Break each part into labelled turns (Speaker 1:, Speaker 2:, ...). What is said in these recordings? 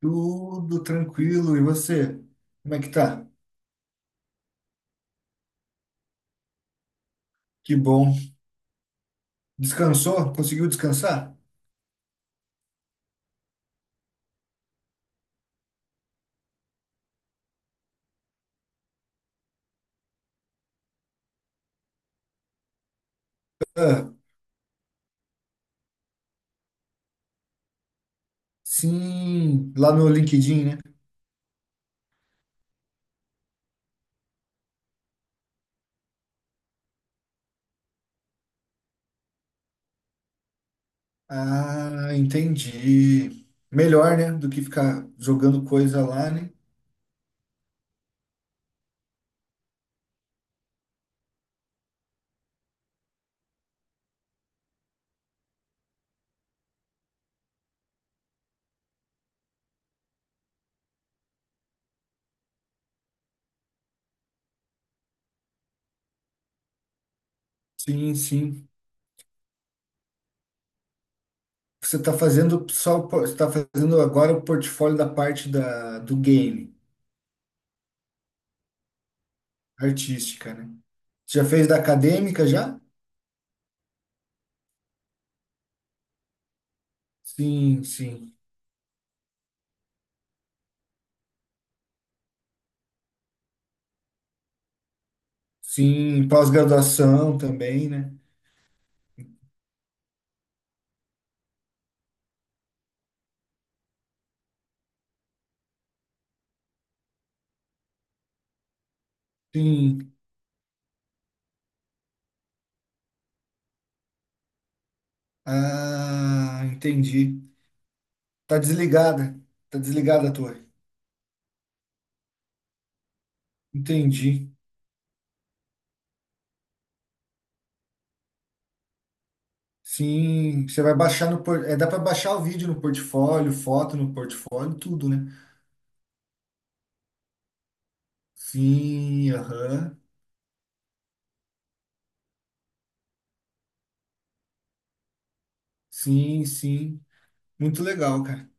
Speaker 1: Tudo tranquilo. E você? Como é que tá? Que bom. Descansou? Conseguiu descansar? Ah, sim, lá no LinkedIn, né? Ah, entendi. Melhor, né, do que ficar jogando coisa lá, né? Sim, sim. Você tá fazendo só, você tá fazendo agora o portfólio da parte da, do game, artística, né? Você já fez da acadêmica já? Sim, sim. Sim, pós-graduação também, né? Sim. Ah, entendi. Tá desligada. Tá desligada a torre. Entendi. Sim, você vai baixar no por... é, dá para baixar o vídeo no portfólio, foto no portfólio, tudo, né? Sim, aham. Sim, sim. Muito legal, cara.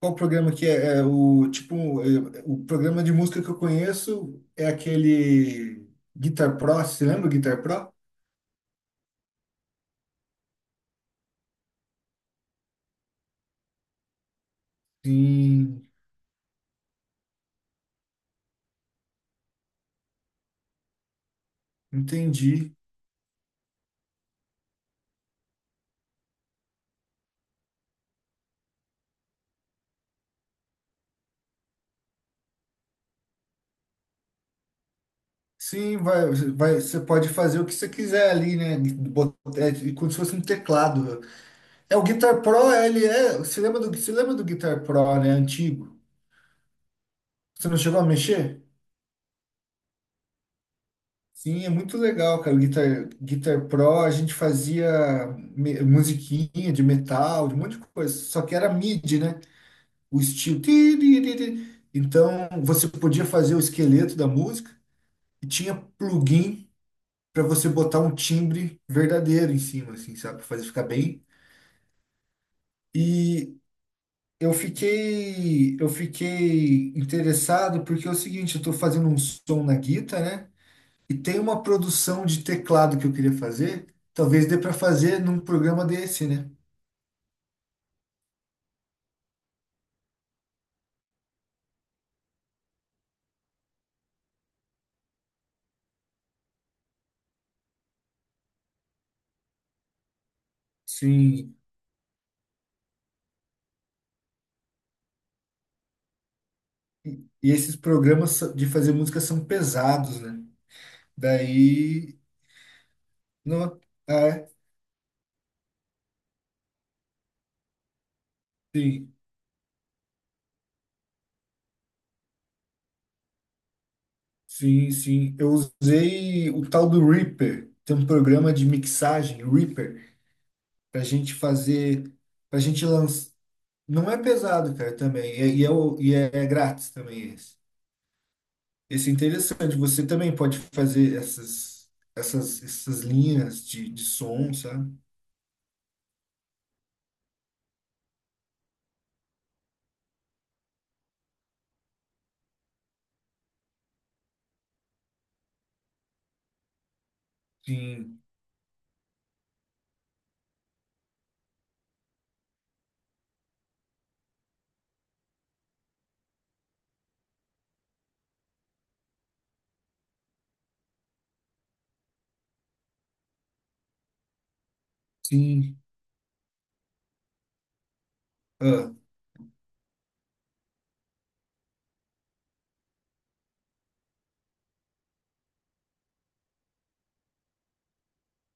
Speaker 1: Qual programa que é? É o tipo, é, o programa de música que eu conheço é aquele Guitar Pro, você lembra o Guitar Pro? Sim, entendi. Sim, vai, vai, você pode fazer o que você quiser ali, né? É, como se fosse um teclado. É o Guitar Pro, ele é. Você lembra do Guitar Pro, né? Antigo. Você não chegou a mexer? Sim, é muito legal, cara. O Guitar Pro, a gente fazia musiquinha de metal, de um monte de coisa. Só que era MIDI, né? O estilo. Ti, ti, ti, ti. Então, você podia fazer o esqueleto da música e tinha plugin, para você botar um timbre verdadeiro em cima, assim, sabe? Pra fazer ficar bem. E eu fiquei interessado porque é o seguinte, eu tô fazendo um som na guitarra, né? E tem uma produção de teclado que eu queria fazer. Talvez dê para fazer num programa desse, né? Sim. E esses programas de fazer música são pesados, né? Daí, não, é, sim. Sim, sim. Eu usei o tal do Reaper. Tem um programa de mixagem, Reaper, para gente fazer, para gente lançar. Não é pesado, cara, também. É grátis também esse. Esse é interessante. Você também pode fazer essas linhas de som, sabe? Sim, sim. Ah,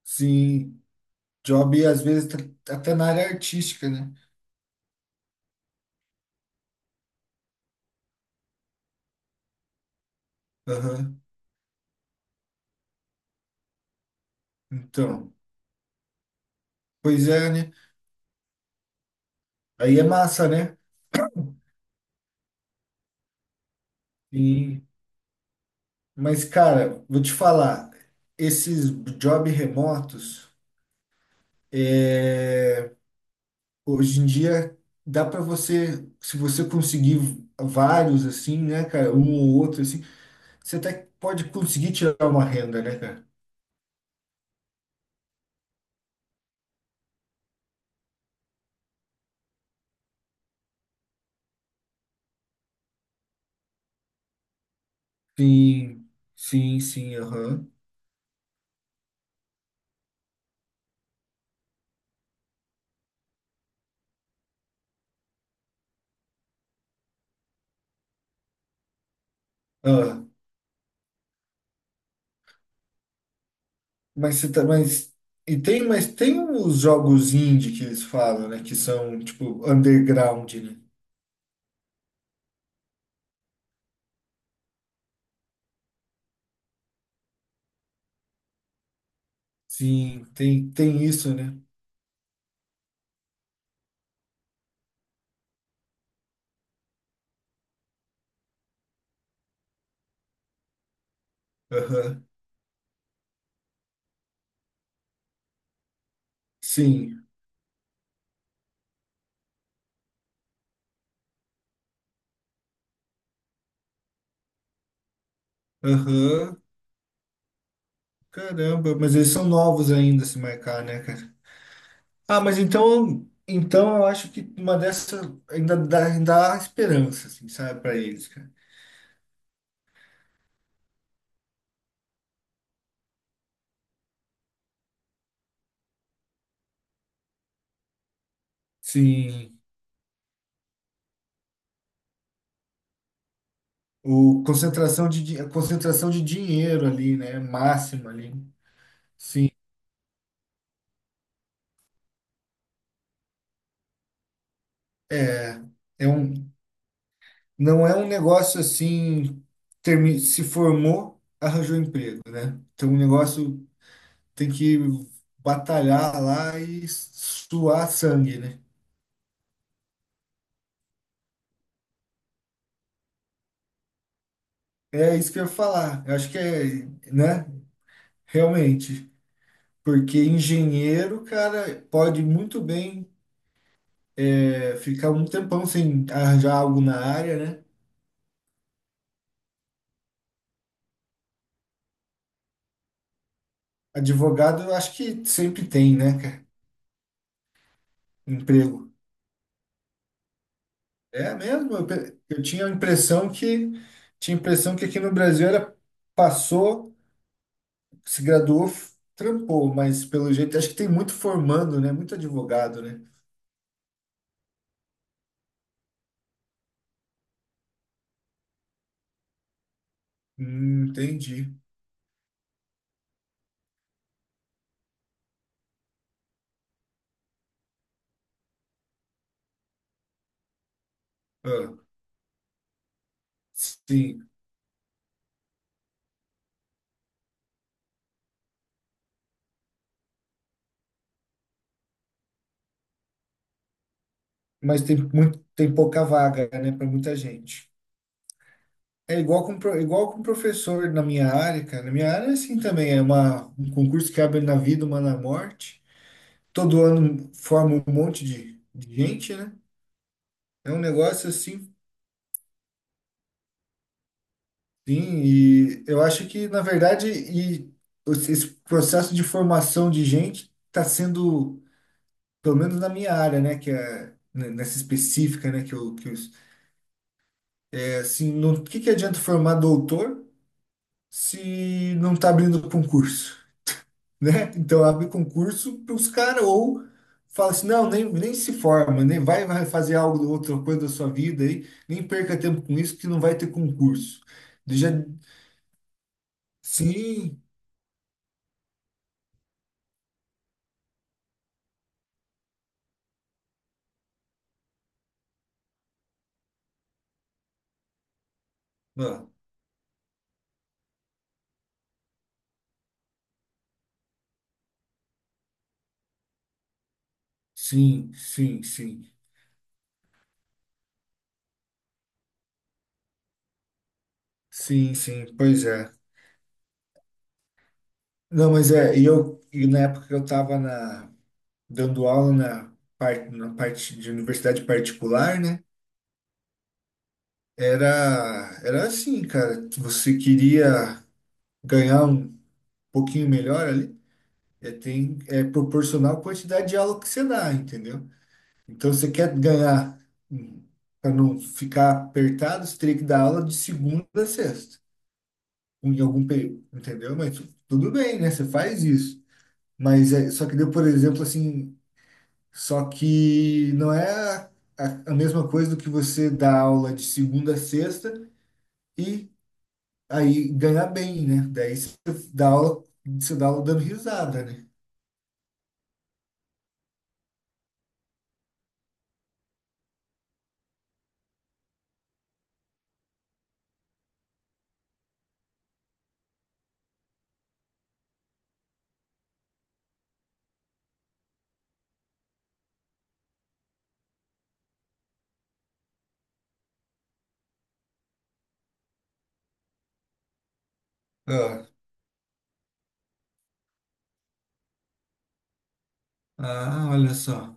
Speaker 1: sim. Job, às vezes, tá até na área artística, né? Aham. Então, pois é, né? Aí é massa, né? Sim. Mas, cara, vou te falar, esses job remotos, é, hoje em dia dá para você, se você conseguir vários assim, né, cara, um ou outro assim, você até pode conseguir tirar uma renda, né, cara? Sim, sim, sim, aham. Ah, mas você tá, mas tem os jogos indie que eles falam, né, que são tipo underground, né? Sim, tem isso, né? Aham. Sim. Aham. Caramba, mas eles são novos ainda, se marcar, né, cara? Ah, mas então eu acho que uma dessas ainda dá, ainda há esperança, assim, sabe, para eles, cara. Sim, o concentração de, a concentração de dinheiro ali, né, máxima ali. Sim, é, é um, não é um negócio assim, se formou, arranjou emprego, né? Então o negócio tem que batalhar lá e suar sangue, né? É isso que eu ia falar. Eu acho que é, né? Realmente. Porque engenheiro, cara, pode muito bem ficar um tempão sem arranjar algo na área, né? Advogado, eu acho que sempre tem, né, cara? Emprego. É mesmo? Eu tinha a impressão que aqui no Brasil era passou, se graduou, trampou, mas pelo jeito acho que tem muito formando, né? Muito advogado, né? Entendi. Ah, sim. Mas tem muito, tem pouca vaga, né, para muita gente. É igual com, professor na minha área, cara. Na minha área, é assim também, é um concurso que abre na vida, uma na morte. Todo ano forma um monte de gente, né? É um negócio assim, sim. E eu acho que, na verdade, e esse processo de formação de gente está sendo, pelo menos na minha área, né, que é né, nessa específica, né, que eu, é assim, não, o que que adianta formar doutor? Se não está abrindo concurso, né? Então abre concurso para os caras ou fala assim, não, nem se forma, nem vai fazer algo outra coisa da sua vida aí, nem perca tempo com isso que não vai ter concurso. Ele já, sim, ah, sim, sim, sim, sim, sim, pois é. Não, mas é, e na época que eu estava na dando aula na parte de universidade particular, né? Era assim, cara. Você queria ganhar um pouquinho melhor ali, é, tem, é proporcional à quantidade de aula que você dá, entendeu? Então, se você quer ganhar, para não ficar apertado, você teria que dar aula de segunda a sexta, em algum período, entendeu? Mas tudo bem, né? Você faz isso. Mas é, só que deu, por exemplo, assim, só que não é a mesma coisa do que você dar aula de segunda a sexta e aí ganhar bem, né? Daí você dá aula dando risada, né? Ah, olha só.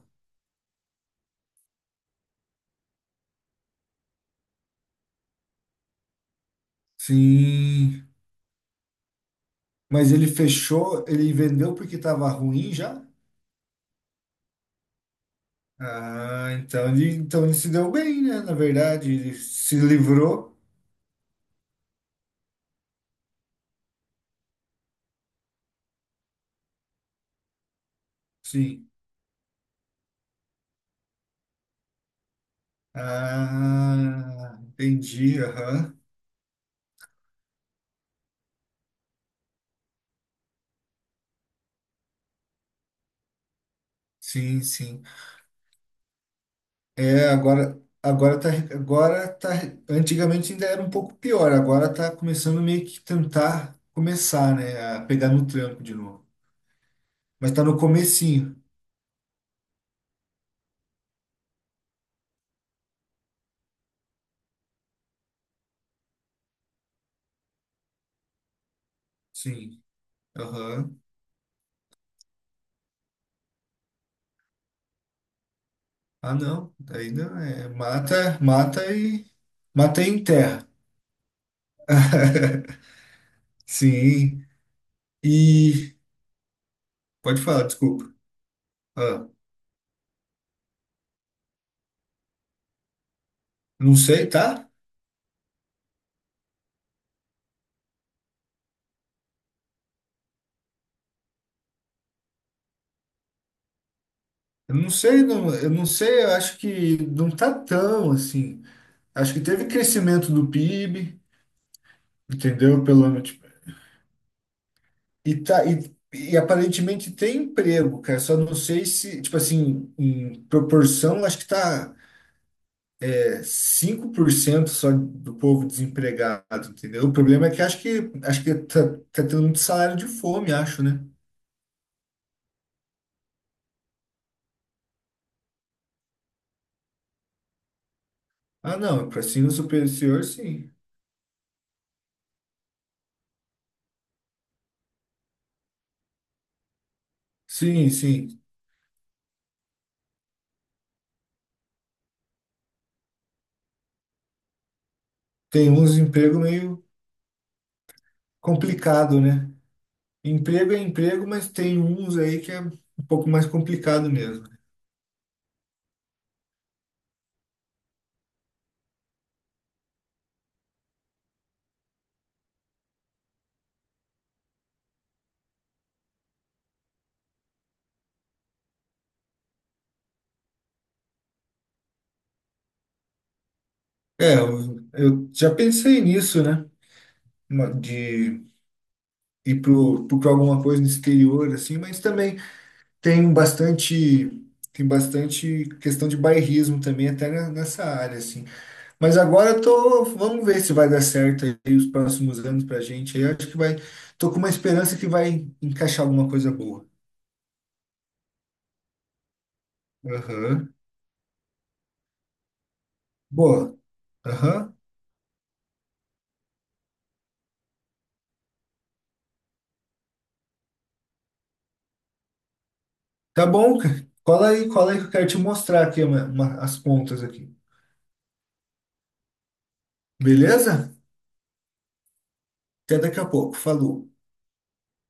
Speaker 1: Sim. Mas ele fechou, ele vendeu porque estava ruim já? Ah, então ele, se deu bem, né? Na verdade, ele se livrou. Sim. Ah, entendi. Aham. Sim, sim. É, agora, agora tá, agora tá. Antigamente ainda era um pouco pior. Agora tá começando meio que tentar começar, né? A pegar no tranco de novo. Mas tá no comecinho. Sim. Aham. Ah, não. Daí não é. Mata, mata e. Mata e enterra. Sim. E. Pode falar, desculpa. Ah, não sei, tá? Eu não sei, não, eu não sei, eu acho que não tá tão assim. Acho que teve crescimento do PIB, entendeu? Pelo menos, tipo, e, tá, e, aparentemente tem emprego, cara. Só não sei se, tipo assim, em proporção, acho que tá, 5% só do povo desempregado, entendeu? O problema é que acho que tá, tendo muito salário de fome, acho, né? Ah, não, para ensino superior, sim. Sim, sim. Tem uns emprego meio complicado, né? Emprego é emprego, mas tem uns aí que é um pouco mais complicado mesmo. É, eu já pensei nisso, né? De ir pra alguma coisa no exterior, assim, mas também Tem bastante, tem bastante questão de bairrismo também, até nessa área, assim. Mas agora eu tô, vamos ver se vai dar certo aí os próximos anos pra gente. Aí. Eu acho que vai, tô com uma esperança que vai encaixar alguma coisa boa. Aham. Boa. Aham. Tá bom, cara. Cola aí que eu quero te mostrar aqui uma- as pontas aqui. Beleza? Até daqui a pouco. Falou.